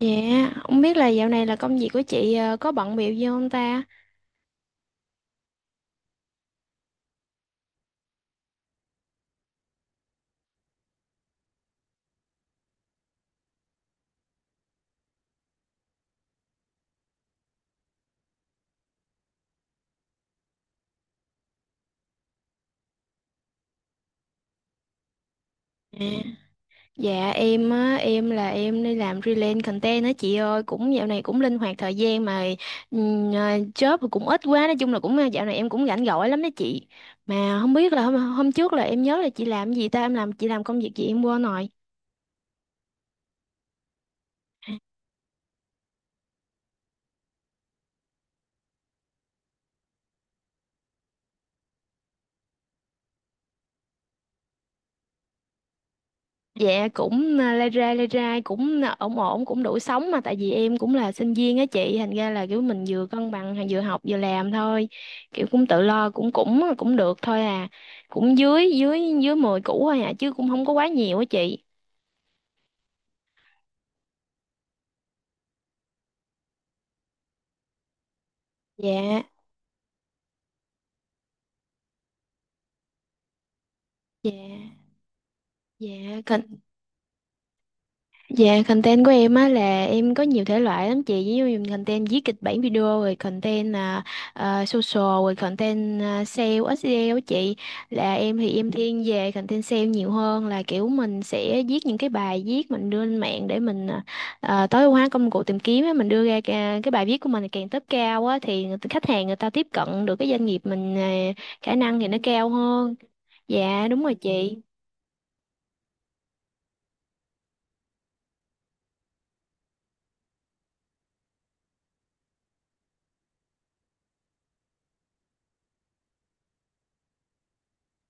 Dạ, không biết là dạo này công việc của chị có bận bịu gì không ta? À, dạ em, em là em đi làm freelance content á chị ơi, cũng dạo này cũng linh hoạt thời gian mà job thì cũng ít quá, nói chung là dạo này em cũng rảnh rỗi lắm đó chị. Mà không biết là hôm trước là em nhớ là chị làm cái gì ta, em làm chị làm công việc gì em quên rồi. Dạ cũng, lai rai cũng, ổn ổn, cũng đủ sống, mà tại vì em cũng là sinh viên á chị, thành ra là kiểu mình vừa cân bằng vừa học vừa làm thôi, kiểu cũng tự lo, cũng cũng à, cũng được thôi à, cũng dưới dưới dưới 10 củ thôi à, chứ cũng không có quá nhiều á chị. Dạ dạ dạ. Dạ, content của em á là em có nhiều thể loại lắm chị, ví dụ như content viết kịch bản video, rồi content social, rồi content sale SEO á chị. Là em thì em thiên về content sale nhiều hơn, là kiểu mình sẽ viết những cái bài viết mình đưa lên mạng để mình tối ưu hóa công cụ tìm kiếm á, mình đưa ra cái bài viết của mình càng top cao á thì khách hàng người ta tiếp cận được cái doanh nghiệp mình, khả năng thì nó cao hơn. Dạ, đúng rồi chị.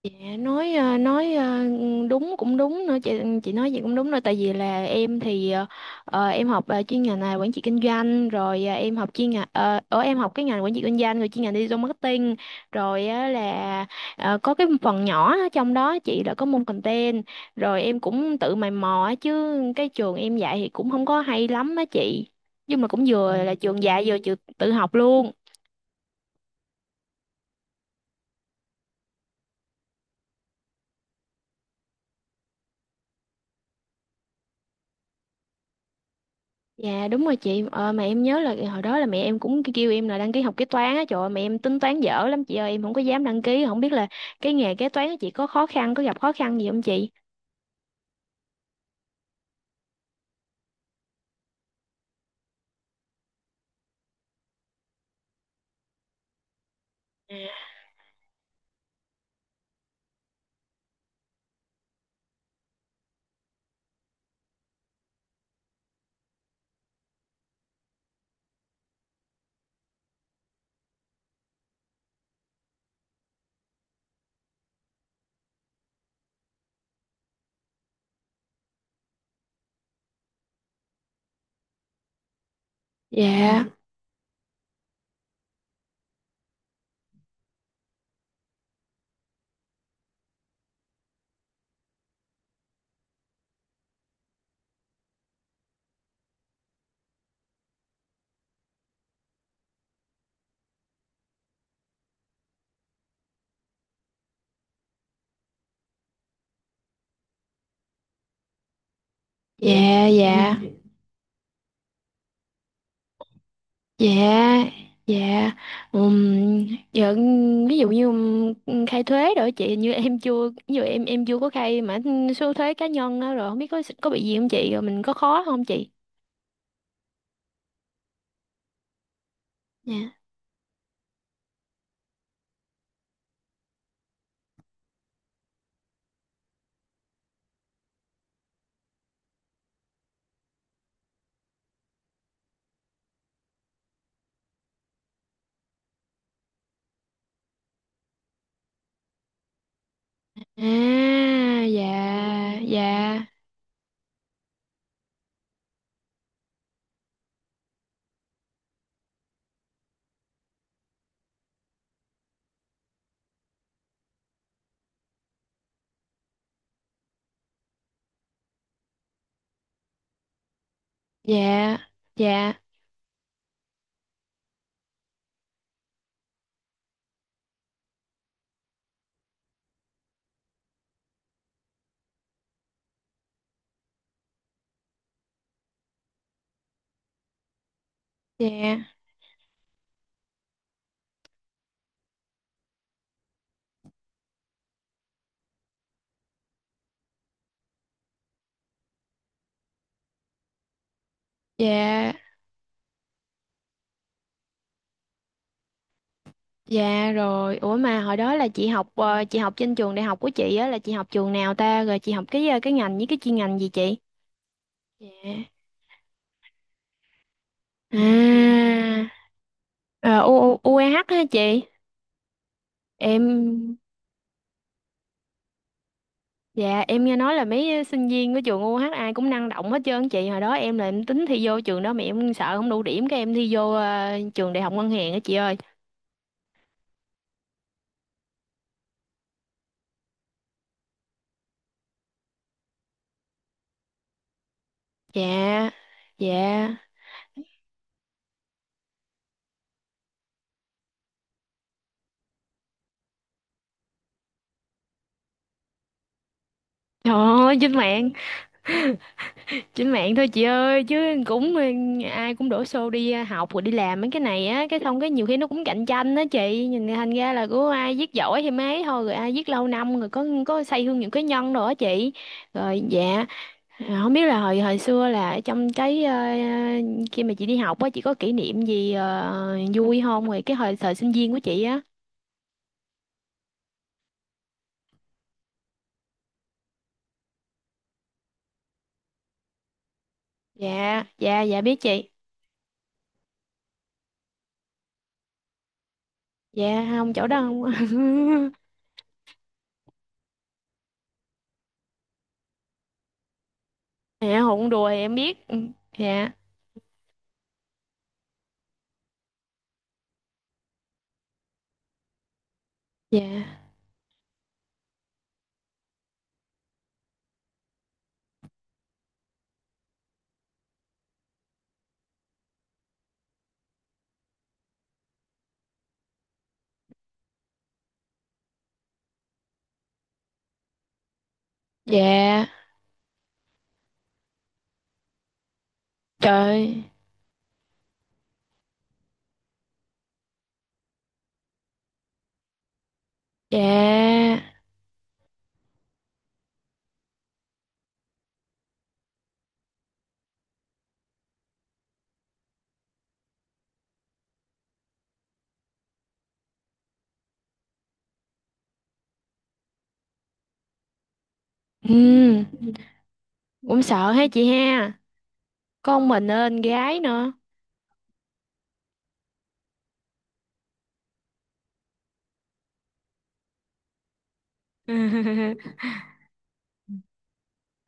Dạ, nói ờ, nói ờ, đúng cũng đúng nữa chị nói gì cũng đúng nữa, tại vì là em học chuyên ngành là quản trị kinh doanh, rồi ờ, em học chuyên ngành ờ, ở em học cái ngành quản trị kinh doanh rồi chuyên ngành digital marketing rồi á, là có cái phần nhỏ ở trong đó chị, là có môn content, rồi em cũng tự mày mò á, chứ cái trường em dạy thì cũng không có hay lắm á chị, nhưng mà cũng vừa là trường dạy vừa trường tự học luôn. Dạ đúng rồi chị. Ờ, mà em nhớ là hồi đó là mẹ em cũng kêu em là đăng ký học kế toán á, trời ơi, mẹ em tính toán dở lắm chị ơi, em không có dám đăng ký, không biết là cái nghề kế toán của chị có khó khăn, có gặp khó khăn gì không chị? Dạ dạ dạ. Dạ dạ dạ. Ừm, dạ, ví dụ như khai thuế rồi chị, hình như em chưa, ví dụ em chưa có khai mà số thuế cá nhân á, rồi không biết có bị gì không chị, rồi mình có khó không chị? Dạ, à, dạ dạ. Dạ dạ. Dạ dạ dạ. Rồi ủa, mà hồi đó là chị học trên trường đại học của chị á, là chị học trường nào ta, rồi chị học cái cái ngành với cái chuyên ngành gì chị? Dạ. À, ờ, U U- UAH hả chị? Em dạ, em nghe nói là mấy sinh viên của trường UAH ai cũng năng động hết trơn chị, hồi đó em là em tính thi vô trường đó mà em sợ không đủ điểm, cái em thi vô trường đại học ngân hàng á chị ơi. Dạ dạ. Trời ơi, trên mạng, trên mạng thôi chị ơi, chứ cũng ờ, ai cũng đổ xô đi học rồi đi làm mấy cái này á, cái xong cái nhiều khi nó cũng cạnh tranh đó chị, nhìn thành ra là cứ ai viết giỏi thì mấy thôi, rồi ai viết lâu năm rồi có xây hương những cái nhân đồ á chị, rồi dạ. À, không biết là hồi hồi xưa là ở trong cái khi mà chị đi học á, chị có kỷ niệm gì vui không, rồi cái hồi thời sinh viên của chị á? Dạ dạ dạ, biết chị. Dạ không, chỗ đó không. Dạ, hụn đùa thì em biết. Ừ, dạ dạ dạ. Trời, dạ, ừ, cũng sợ ha chị ha, con mình nên gái nữa.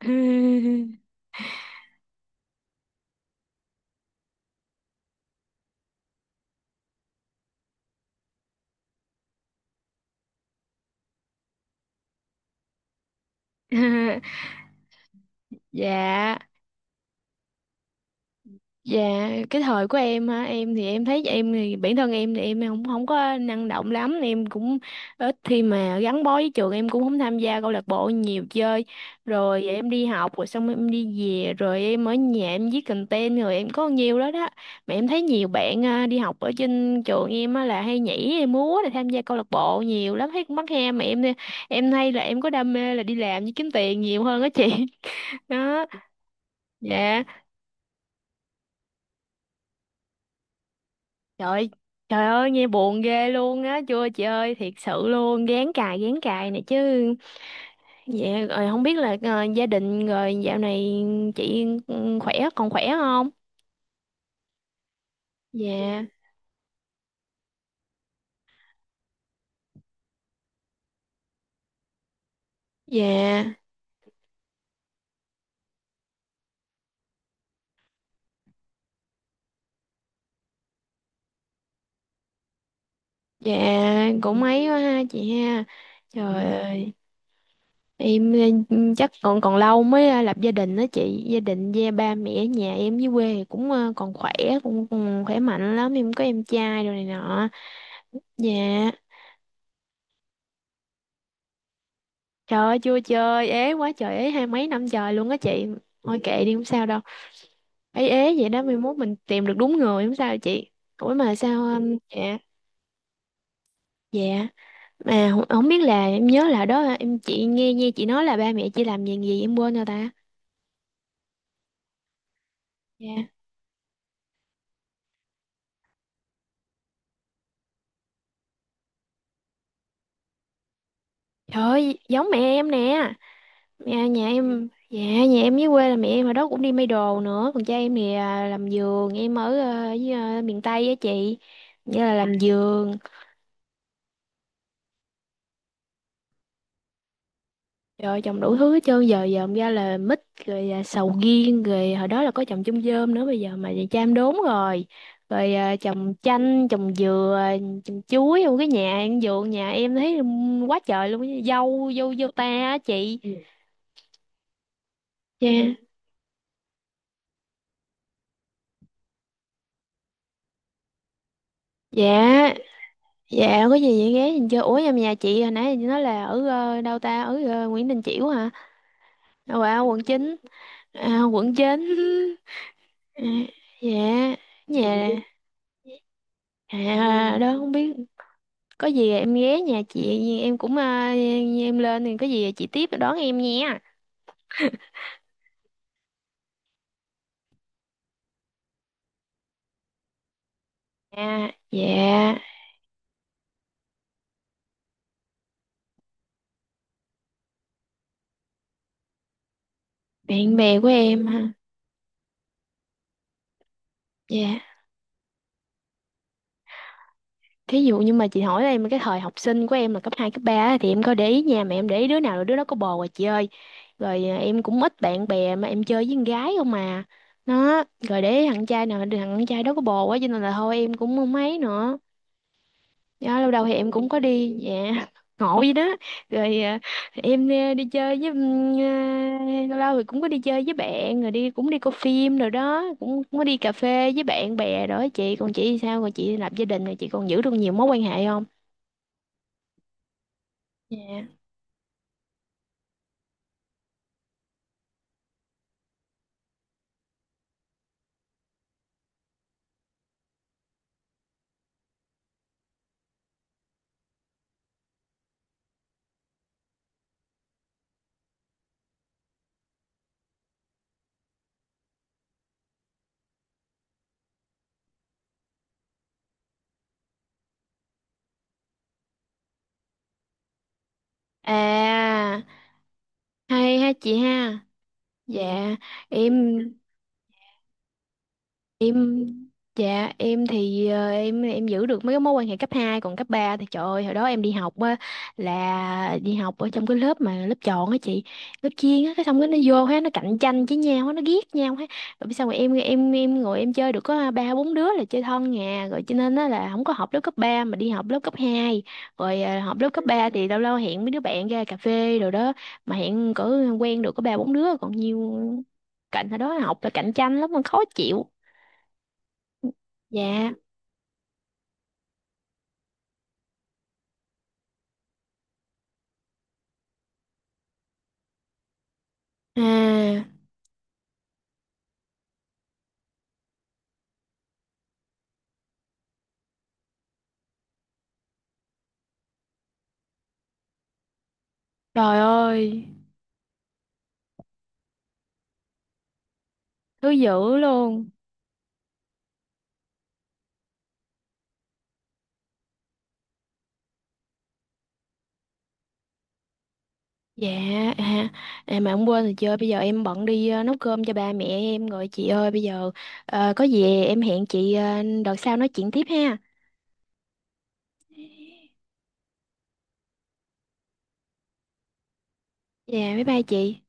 Dạ, dạ, cái thời của em hả, em thì em thấy em thì bản thân em thì em không không có năng động lắm, em cũng ít khi mà gắn bó với trường, em cũng không tham gia câu lạc bộ nhiều chơi, rồi em đi học rồi xong em đi về, rồi em ở nhà em viết content rồi em có nhiều đó đó. Mà em thấy nhiều bạn đi học ở trên trường em á, là hay nhảy hay múa, là tham gia câu lạc bộ nhiều lắm, thấy cũng mắc he, mà em hay là em có đam mê là đi làm với kiếm tiền nhiều hơn á chị. Đó. Dạ. Trời, trời ơi nghe buồn ghê luôn á, chưa chị ơi, thiệt sự luôn, gán cài này chứ. Dạ, rồi không biết là gia đình rồi dạo này chị ừ, khỏe, còn khỏe không? Dạ dạ dạ. Cũng mấy quá ha chị ha, trời ơi. Em ừ, chắc còn còn lâu mới lập gia đình đó chị, gia đình gia ba mẹ ở nhà em với quê thì còn khỏe, cũng khỏe mạnh lắm, em có em trai rồi này nọ. Dạ. Trời ơi chưa, chơi ế quá trời ế, hai mấy năm trời luôn á chị. Thôi kệ đi không sao đâu, ế ế vậy đó, mai mốt mình tìm được đúng người không sao chị. Ủa mà sao dạ, dạ, mà không biết là em nhớ là đó, em chị nghe nghe chị nói là ba mẹ chị làm gì gì em quên rồi ta. Dạ. Trời ơi giống mẹ em nè, nhà em, dạ nhà em dưới quê là mẹ em ở đó cũng đi may đồ nữa, còn cha em thì làm giường, em ở miền Tây á chị, nghĩa là làm giường. Rồi trồng đủ thứ hết trơn, giờ dòm ra là mít, rồi sầu riêng, rồi hồi đó là có trồng chôm chôm nữa, bây giờ mà về cham đốn rồi, rồi trồng chanh trồng dừa, trồng chuối, trong cái nhà ăn vườn nhà em thấy quá trời luôn á, dâu dâu dâu ta á chị. Dạ dạ dạ. Có gì vậy ghé nhìn chơi. Ủa em, nhà chị hồi nãy chị nói là ở đâu ta, ở Nguyễn Đình Chiểu hả? Quận chín, quận chín. À, dạ, nhà đó không biết, có gì em ghé nhà chị, em lên thì có gì chị tiếp đón em nha. À dạ. Bạn bè của em ha? Dạ, thí dụ như mà chị hỏi em cái thời học sinh của em là cấp 2 cấp 3 á, thì em có để ý nha, mà em để ý đứa nào là đứa đó có bồ rồi chị ơi, em cũng ít bạn bè, mà em chơi với con gái không mà, nó rồi để ý thằng trai nào thằng trai đó có bồ quá, cho nên là thôi em cũng không mấy nữa. Dạ, lâu đầu thì em cũng có đi, dạ ngộ vậy đó. rồi à, em đi chơi với lâu lâu thì cũng có đi chơi với bạn, rồi đi, cũng đi coi phim rồi đó, cũng có đi cà phê với bạn bè rồi đó chị, còn chị thì sao, còn chị lập gia đình rồi chị còn giữ được nhiều mối quan hệ không? Dạ. À, hay ha chị ha. Dạ em em, dạ em thì em giữ được mấy cái mối quan hệ cấp hai, còn cấp 3 thì trời ơi, hồi đó em đi học á là đi học ở trong cái lớp mà lớp chọn á chị, lớp chuyên á, cái xong cái nó vô hết, nó cạnh tranh với nhau hết, nó ghét nhau hết. Rồi sao mà em ngồi em chơi được có 3 4 đứa là chơi thân nhà rồi, cho nên á là không có học lớp cấp 3 mà đi học lớp cấp 2, rồi học lớp cấp 3 thì lâu lâu hẹn mấy đứa bạn ra cà phê rồi đó, mà hẹn cỡ quen được có 3 4 đứa, còn nhiều cạnh hồi đó học là cạnh tranh lắm mà khó chịu. Dạ. À, trời ơi, thứ dữ luôn. Dạ, à, à mà không, quên rồi chị ơi, bây giờ em bận đi nấu cơm cho ba mẹ em rồi chị ơi, bây giờ có gì em hẹn chị đợt sau nói chuyện tiếp ha. Dạ, bye bye chị.